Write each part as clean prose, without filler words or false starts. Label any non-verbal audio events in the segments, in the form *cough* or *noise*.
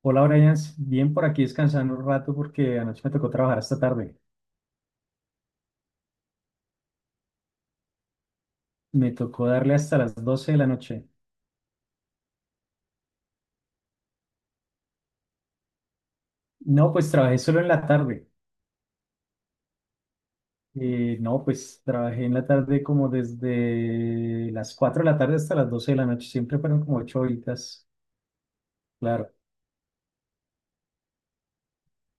Hola Brian, bien por aquí descansando un rato porque anoche me tocó trabajar hasta tarde. Me tocó darle hasta las 12 de la noche. No, pues trabajé solo en la tarde. No, pues trabajé en la tarde como desde las 4 de la tarde hasta las 12 de la noche. Siempre fueron como 8 horitas, claro.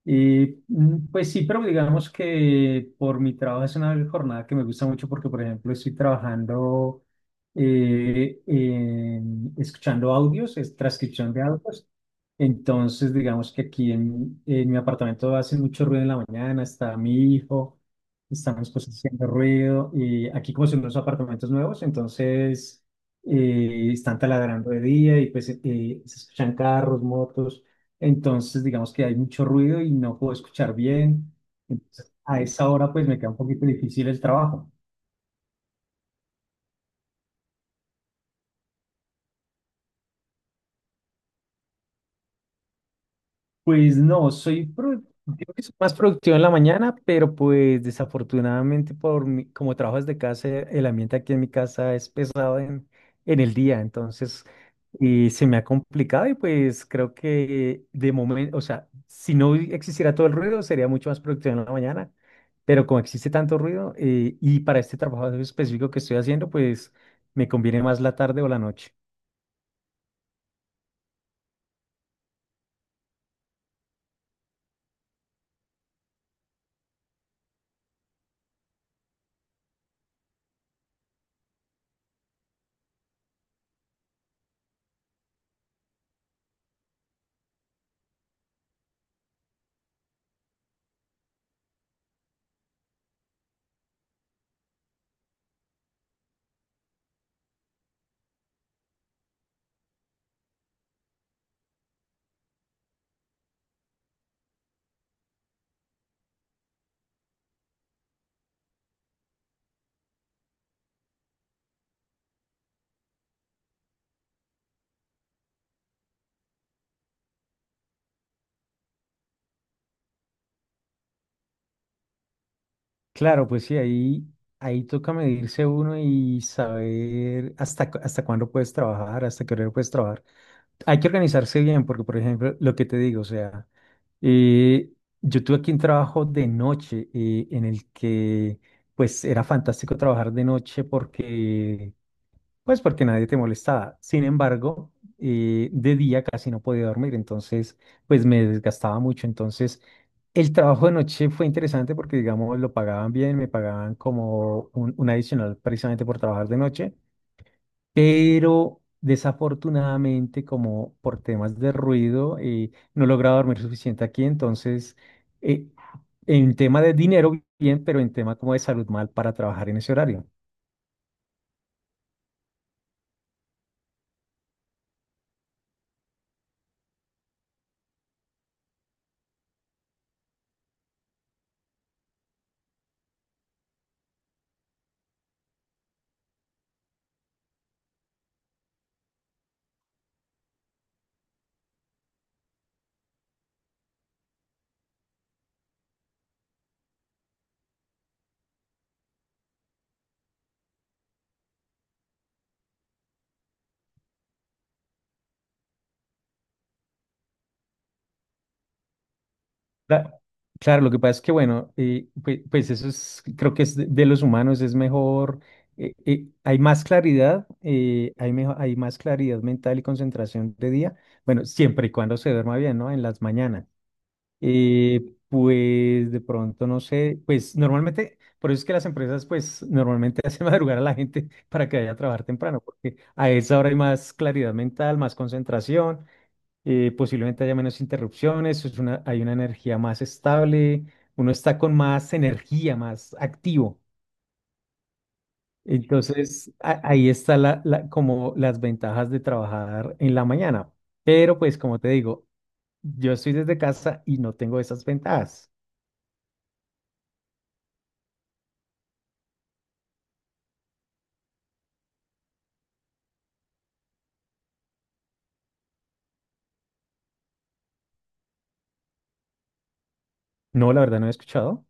Y pues sí, pero digamos que por mi trabajo es una jornada que me gusta mucho porque, por ejemplo, estoy trabajando escuchando audios, es transcripción de audios. Entonces, digamos que aquí en mi apartamento hace mucho ruido en la mañana, está mi hijo, están mis cosas haciendo ruido. Y aquí como son unos apartamentos nuevos, entonces están taladrando de día y pues se escuchan carros, motos. Entonces, digamos que hay mucho ruido y no puedo escuchar bien. Entonces, a esa hora, pues me queda un poquito difícil el trabajo. Pues no, soy, digo que soy más productivo en la mañana, pero pues desafortunadamente como trabajo desde casa, el ambiente aquí en mi casa es pesado en, el día, entonces y se me ha complicado y pues creo que de momento, o sea, si no existiera todo el ruido sería mucho más productivo en la mañana, pero como existe tanto ruido y para este trabajo específico que estoy haciendo, pues me conviene más la tarde o la noche. Claro, pues sí, ahí toca medirse uno y saber hasta cuándo puedes trabajar, hasta qué horario puedes trabajar. Hay que organizarse bien, porque, por ejemplo, lo que te digo, o sea, eh, yo tuve aquí un trabajo de noche en el que, pues, era fantástico trabajar de noche porque nadie te molestaba. Sin embargo, de día casi no podía dormir, entonces pues me desgastaba mucho. Entonces el trabajo de noche fue interesante porque digamos lo pagaban bien, me pagaban como un adicional precisamente por trabajar de noche, pero desafortunadamente como por temas de ruido no lograba dormir suficiente aquí, entonces eh, en tema de dinero bien, pero en tema como de salud mal para trabajar en ese horario. Cla- Claro, lo que pasa es que, bueno, pues, eso es, creo que es de los humanos, es mejor, hay más claridad, hay más claridad mental y concentración de día, bueno, siempre y cuando se duerma bien, ¿no? En las mañanas. Eh, pues de pronto, no sé, pues normalmente, por eso es que las empresas, pues normalmente *laughs* hacen madrugar a la gente para que vaya a trabajar temprano, porque a esa hora hay más claridad mental, más concentración posiblemente haya menos interrupciones, hay una energía más estable, uno está con más energía, más activo. Entonces, ahí está como las ventajas de trabajar en la mañana. Pero pues, como te digo, yo estoy desde casa y no tengo esas ventajas. No, la verdad no he escuchado.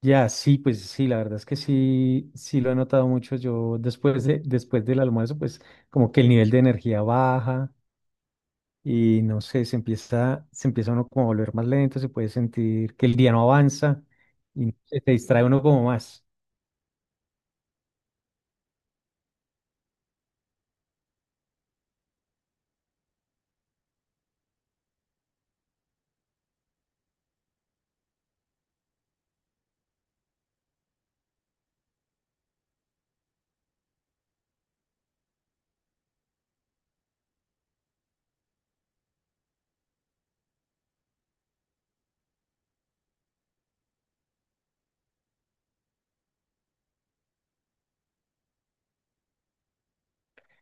Ya, sí, pues sí, la verdad es que sí, sí lo he notado mucho. Yo después del almuerzo, pues como que el nivel de energía baja y no sé, se empieza, uno como a volver más lento, se puede sentir que el día no avanza y no sé, se distrae uno como más.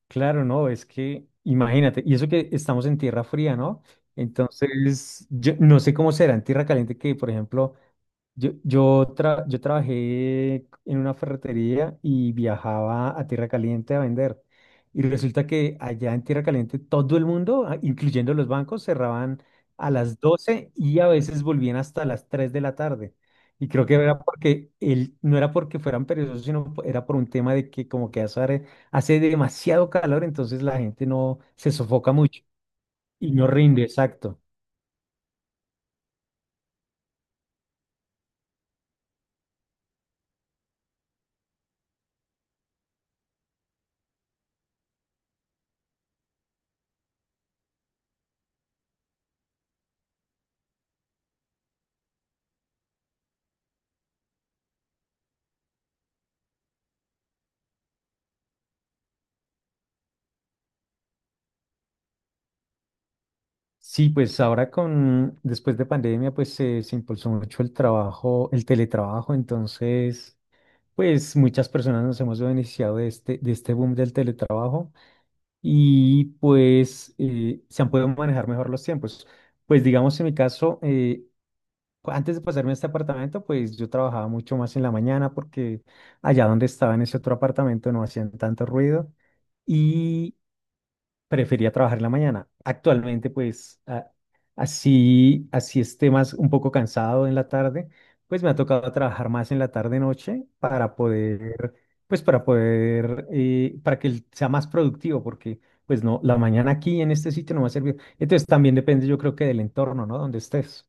Claro, no, es que imagínate, y eso que estamos en tierra fría, ¿no? Entonces, yo no sé cómo será en tierra caliente que, por ejemplo, yo trabajé en una ferretería y viajaba a Tierra Caliente a vender. Y resulta que allá en Tierra Caliente todo el mundo, ah, incluyendo los bancos, cerraban a las 12 y a veces volvían hasta las 3 de la tarde. Y creo que era porque él, no era porque fueran perezosos, sino era por un tema de que como que hace demasiado calor, entonces la gente no se sofoca mucho y no rinde, exacto. Sí, pues ahora después de pandemia, pues se impulsó mucho el trabajo, el teletrabajo, entonces, pues muchas personas nos hemos beneficiado de este boom del teletrabajo y pues se han podido manejar mejor los tiempos. Pues digamos, en mi caso, antes de pasarme a este apartamento, pues yo trabajaba mucho más en la mañana porque allá donde estaba en ese otro apartamento no hacían tanto ruido, prefería trabajar en la mañana. Actualmente, pues, así esté más un poco cansado en la tarde, pues me ha tocado trabajar más en la tarde-noche para poder, para que sea más productivo, porque, pues, no, la mañana aquí en este sitio no me ha servido. Entonces, también depende, yo creo que del entorno, ¿no? Donde estés.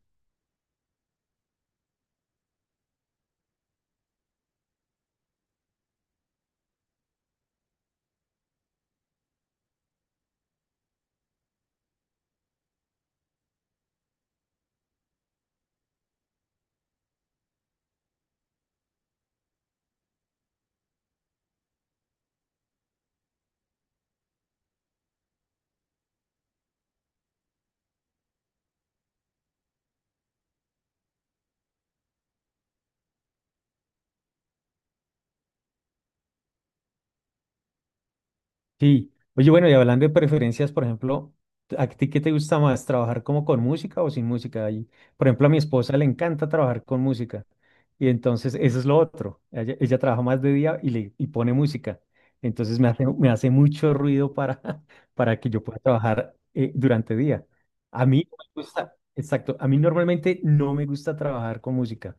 Sí. Oye, bueno, y hablando de preferencias, por ejemplo, ¿a ti qué te gusta más, trabajar como con música o sin música? Ahí, por ejemplo, a mi esposa le encanta trabajar con música. Y entonces, eso es lo otro. Ella trabaja más de día y, le, y pone música. Entonces, me hace mucho ruido para, *laughs* para que yo pueda trabajar durante día. A mí no me gusta, exacto, a mí normalmente no me gusta trabajar con música.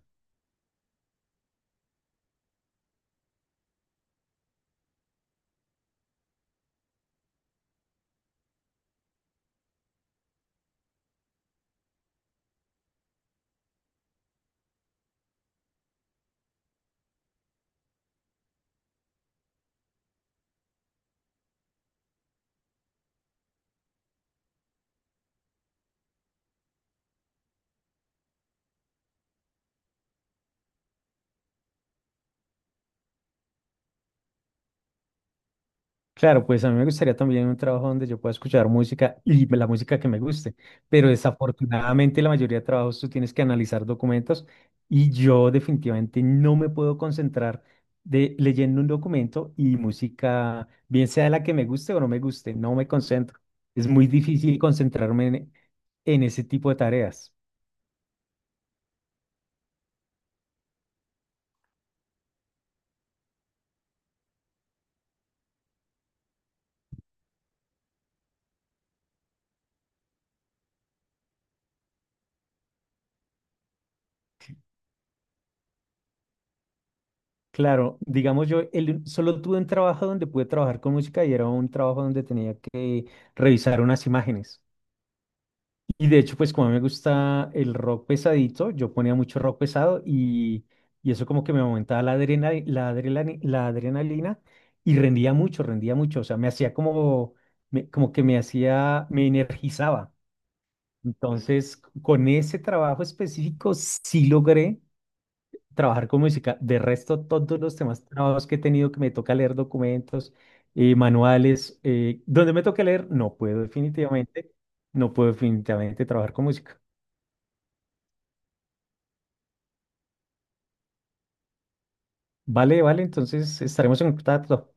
Claro, pues a mí me gustaría también un trabajo donde yo pueda escuchar música y la música que me guste, pero desafortunadamente la mayoría de trabajos tú tienes que analizar documentos y yo definitivamente no me puedo concentrar de leyendo un documento y música, bien sea la que me guste o no me guste, no me concentro. Es muy difícil concentrarme en, ese tipo de tareas. Claro, digamos yo solo tuve un trabajo donde pude trabajar con música y era un trabajo donde tenía que revisar unas imágenes. Y de hecho, pues como a mí me gusta el rock pesadito, yo ponía mucho rock pesado y eso como que me aumentaba la adrenalina y rendía mucho, rendía mucho. O sea, me hacía como, me- como que me hacía, me energizaba. Entonces, con ese trabajo específico sí logré trabajar con música. De resto, todos los temas trabajos que he tenido que me toca leer documentos, manuales, donde me toca leer, no puedo definitivamente, no puedo definitivamente trabajar con música. Vale, vale, entonces estaremos en contacto.